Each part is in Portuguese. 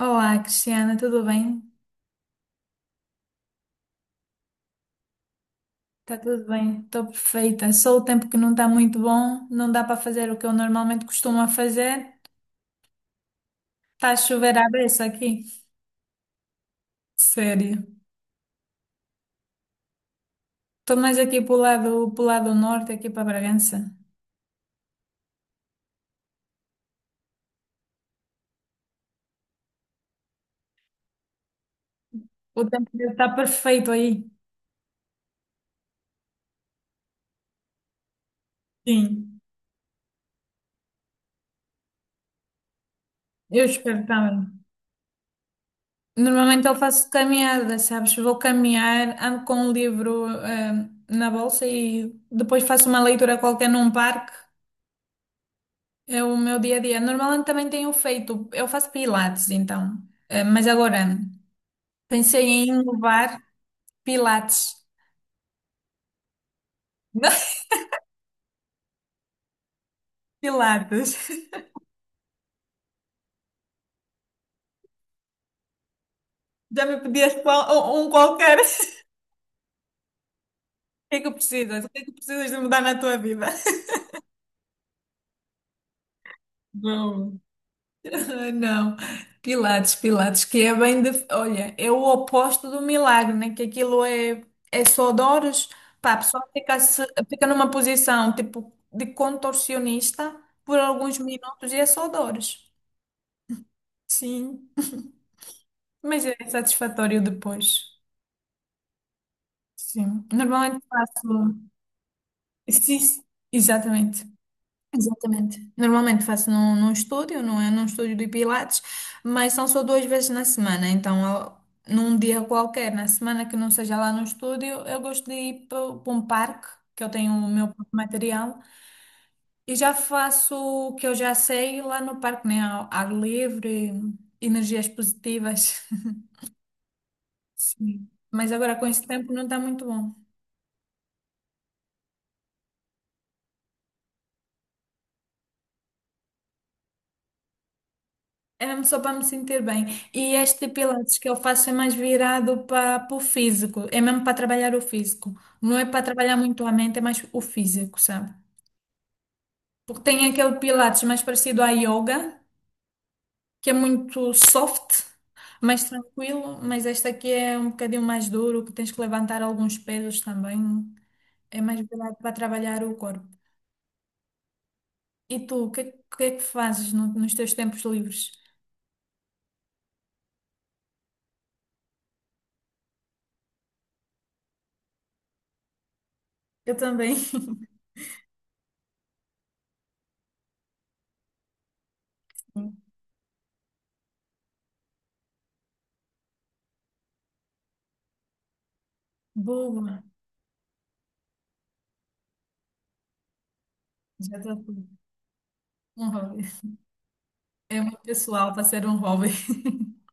Olá, Cristiana, tudo bem? Está tudo bem, estou perfeita. Só o tempo que não está muito bom, não dá para fazer o que eu normalmente costumo a fazer. Está a chover à beça aqui, sério. Estou mais aqui para o lado, para lado norte, aqui para Bragança. O tempo deve estar perfeito aí. Sim, eu espero também. Normalmente eu faço caminhada, sabes? Vou caminhar, ando com um livro, na bolsa e depois faço uma leitura qualquer num parque. É o meu dia a dia, normalmente também tenho feito, eu faço pilates então, mas agora pensei em inovar pilates, não pilates, já me pedias um qualquer, o que é que precisas, o que é que precisas de mudar na tua vida? Bom. Ah, não, Pilates, Pilates, que é bem de... Olha, é o oposto do milagre, né? Que aquilo é, é só dores. Pá, a pessoa fica, fica numa posição tipo de contorcionista por alguns minutos e é só dores. Sim, mas é satisfatório depois. Sim, normalmente faço. Sim, exatamente. Exatamente. Normalmente faço num estúdio, não é num estúdio de Pilates, mas são só duas vezes na semana. Então, num dia qualquer, na semana que não seja lá no estúdio, eu gosto de ir para um parque, que eu tenho o meu próprio material, e já faço o que eu já sei lá no parque, né? Ao ar livre, energias positivas. Sim. Mas agora com esse tempo não está muito bom. É mesmo só para me sentir bem. E este pilates que eu faço é mais virado para o físico. É mesmo para trabalhar o físico. Não é para trabalhar muito a mente, é mais o físico, sabe? Porque tem aquele pilates mais parecido à yoga, que é muito soft, mais tranquilo, mas este aqui é um bocadinho mais duro, que tens que levantar alguns pesos também. É mais virado para trabalhar o corpo. E tu, o que é que fazes nos teus tempos livres? Eu também. Boa. Já estou. Um hobby. É muito pessoal para ser um hobby.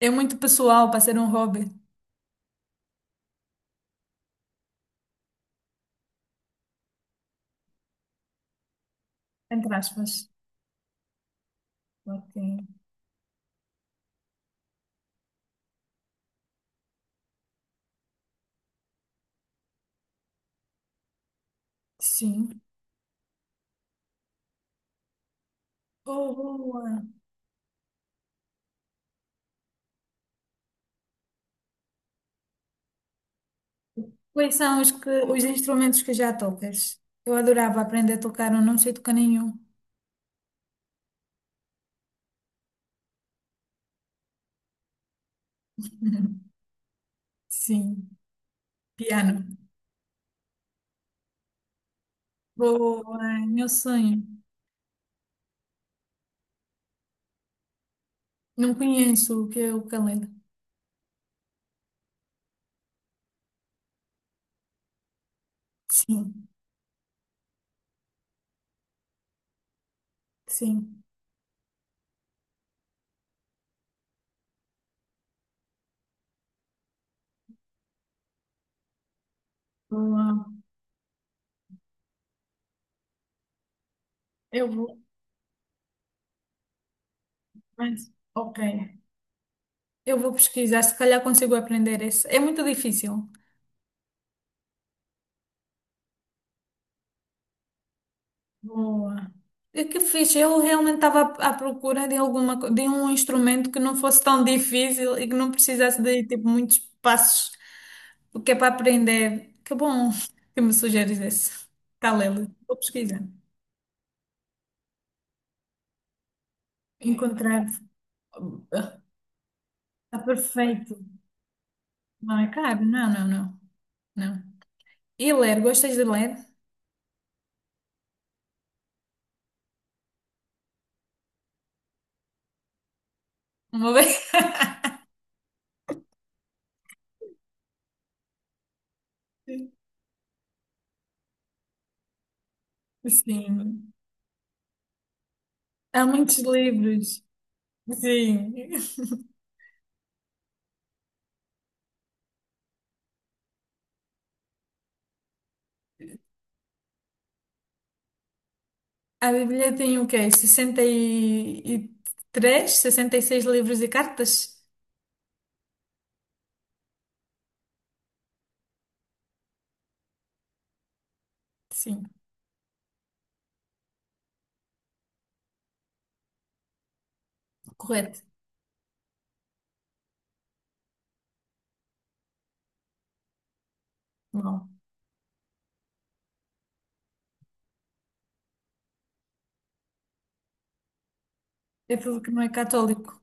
É muito pessoal para ser um hobby. Entre aspas. Ok. Sim. Oh, boa. Quais são os, que, os instrumentos que já tocas? Eu adorava aprender a tocar, eu não sei tocar nenhum. Sim. Piano. Boa. Meu sonho. Não conheço o que é o calenda. Sim. Sim. Boa. Eu vou. Mas, ok. Eu vou pesquisar, se calhar consigo aprender esse. É muito difícil. Boa. E que fixe, eu realmente estava à procura de alguma, de um instrumento que não fosse tão difícil e que não precisasse de tipo muitos passos, o que é para aprender. Que bom que me sugeres esse. Calelo, vou pesquisar. Encontrar. Está perfeito. Não é caro? Não, não, não, não. E ler, gostas de ler? Uma vez? Sim. Há muitos livros. Sim. A Bíblia tem o quê? 63, 66 livros e cartas? Sim, correto. Bom, é tudo que não é católico.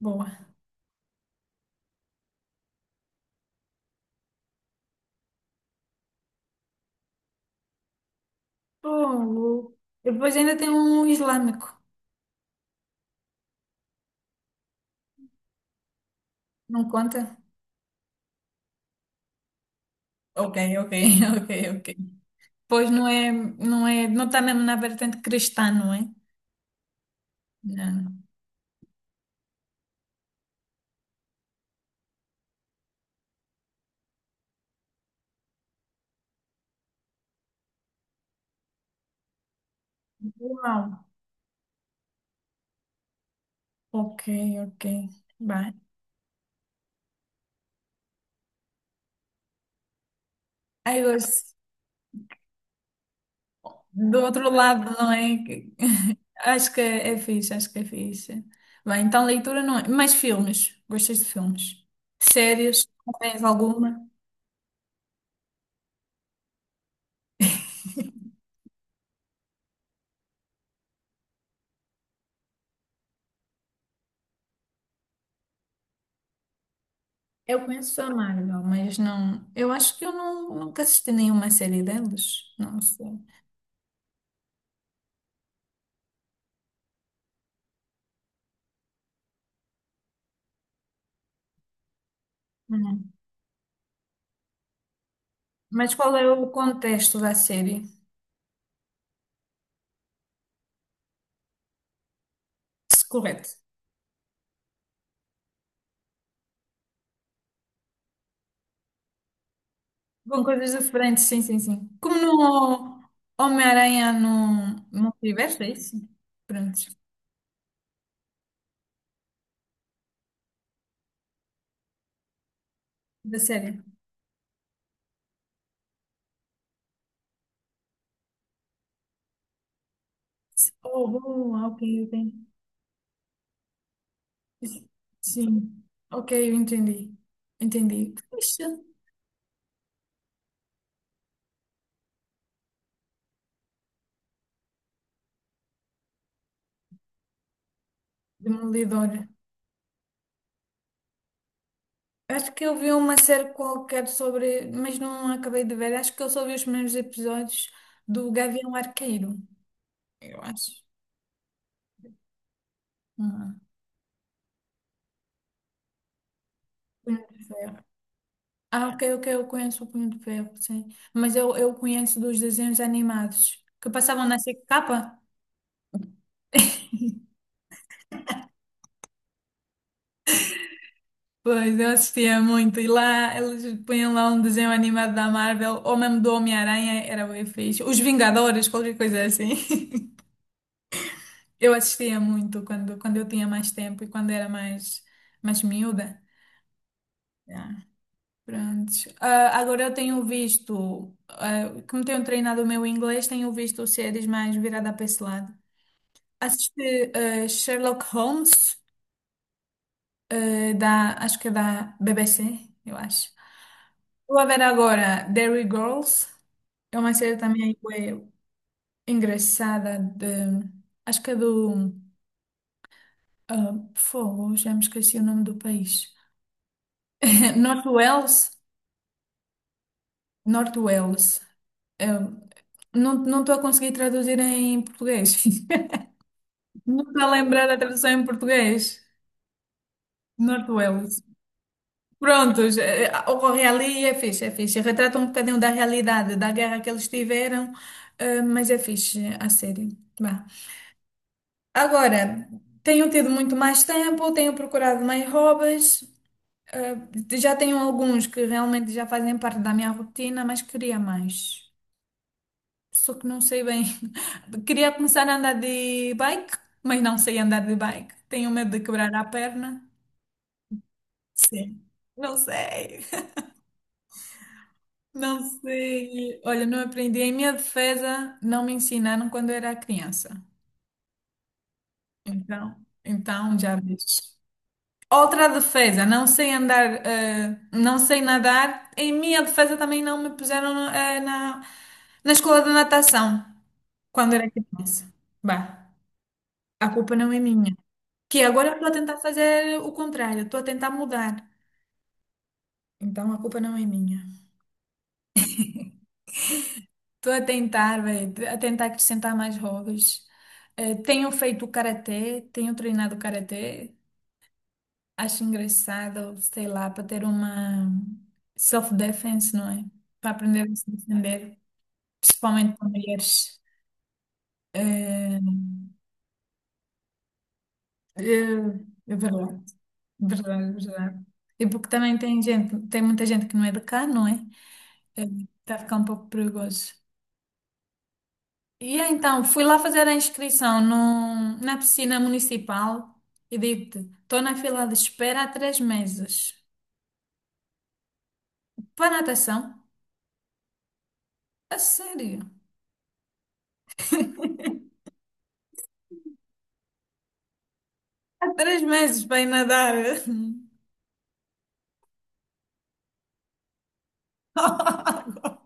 Boa. Bom, e depois ainda tem um islâmico. Não conta? Ok, ok, ok, ok. Pois não é, não é, não está mesmo na vertente cristã, não é? Não. Uau. Ok, ok. Bem. Aí hoje. Do outro lado, não é? Acho que é fixe, acho que é fixe. Bem, então leitura não é. Mais filmes. Gostas de filmes? Séries? Tens alguma? Eu conheço a Marvel, mas não. Eu acho que eu não, nunca assisti nenhuma série delas. Não sei. Hum. Mas qual é o contexto da série? Se correto. Com coisas diferentes, sim, sim, sim. Como no Homem-Aranha no multiverso, é isso? Pronto. Da série. Oh, boa, ok, ok. Sim. Ok, eu entendi. Entendi. Fixe. Demolidor. Acho que eu vi uma série qualquer sobre, mas não acabei de ver. Acho que eu só vi os primeiros episódios do Gavião Arqueiro, eu acho. Ah, Punho de Ferro. Ah, ok, ok, eu conheço o Punho de Ferro, sim. Mas eu conheço dos desenhos animados que passavam na SIC-Capa. Pois, eu assistia muito e lá eles punham lá um desenho animado da Marvel ou mesmo do Homem-Aranha, era bem fixe. Os Vingadores, qualquer coisa assim. Eu assistia muito quando eu tinha mais tempo e quando era mais miúda. Yeah. Prontos. Ah, agora eu tenho visto, ah, como tenho treinado o meu inglês, tenho visto séries mais virada para esse lado. Assisti, ah, Sherlock Holmes, ah, da, acho que é da BBC, eu acho. Vou ver agora Derry Girls. É uma série também ué, engraçada de... Acho que é do... ah, fogo, já me esqueci o nome do país. North Wales? North Wales. Eu não estou a conseguir traduzir em português. Não estou a lembrar da tradução em português. North Wales. Prontos, ocorre ali e é fixe, é fixe. Retrata um bocadinho da realidade, da guerra que eles tiveram, mas é fixe a série. Vá. Agora, tenho tido muito mais tempo, tenho procurado mais hobbies, eh, já tenho alguns que realmente já fazem parte da minha rotina, mas queria mais. Só que não sei bem. Queria começar a andar de bike, mas não sei andar de bike. Tenho medo de quebrar a perna. Sim. Não sei. Não sei. Olha, não aprendi. Em minha defesa, não me ensinaram quando eu era criança. Então, então já vejo. Outra defesa, não sei andar, não sei nadar. Em minha defesa também não me puseram na escola de natação quando era criança. Bah, a culpa não é minha. Que agora eu estou a tentar fazer o contrário, estou a tentar mudar. Então a culpa não é minha. Estou a tentar, véi, a tentar acrescentar mais hobbies. Tenho feito karatê, tenho treinado karatê. Acho engraçado, sei lá, para ter uma self-defense, não é? Para aprender a se defender, principalmente com mulheres. É, é, é verdade, verdade, verdade. E porque também tem gente, tem muita gente que não é de cá, não é? É, Está a ficar um pouco perigoso. E então, fui lá fazer a inscrição no, na piscina municipal e digo-te, estou na fila de espera há 3 meses. Para a natação? A sério? Há 3 meses para ir nadar.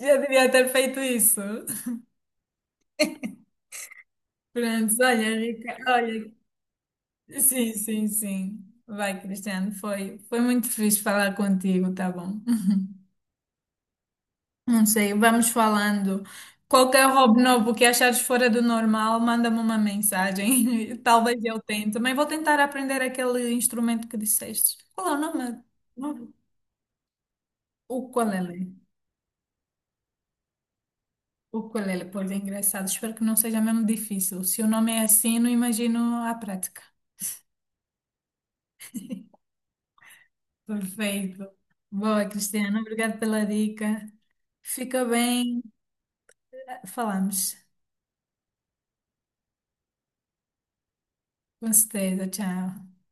Já devia ter feito isso. Pronto, olha, Rica, olha, sim, sim, sim. Vai, Cristiano, foi muito fixe falar contigo, tá bom? Não sei, vamos falando. Qualquer hobby novo que achares fora do normal, manda-me uma mensagem. Talvez eu tente. Também vou tentar aprender aquele instrumento que disseste. Qual é o nome? Não- O qual é? Né? Ukulele, pois é engraçado. Espero que não seja mesmo difícil. Se o nome é assim, não imagino a prática. Perfeito. Boa, Cristiano. Obrigada pela dica. Fica bem. Falamos. Com certeza. Tchau.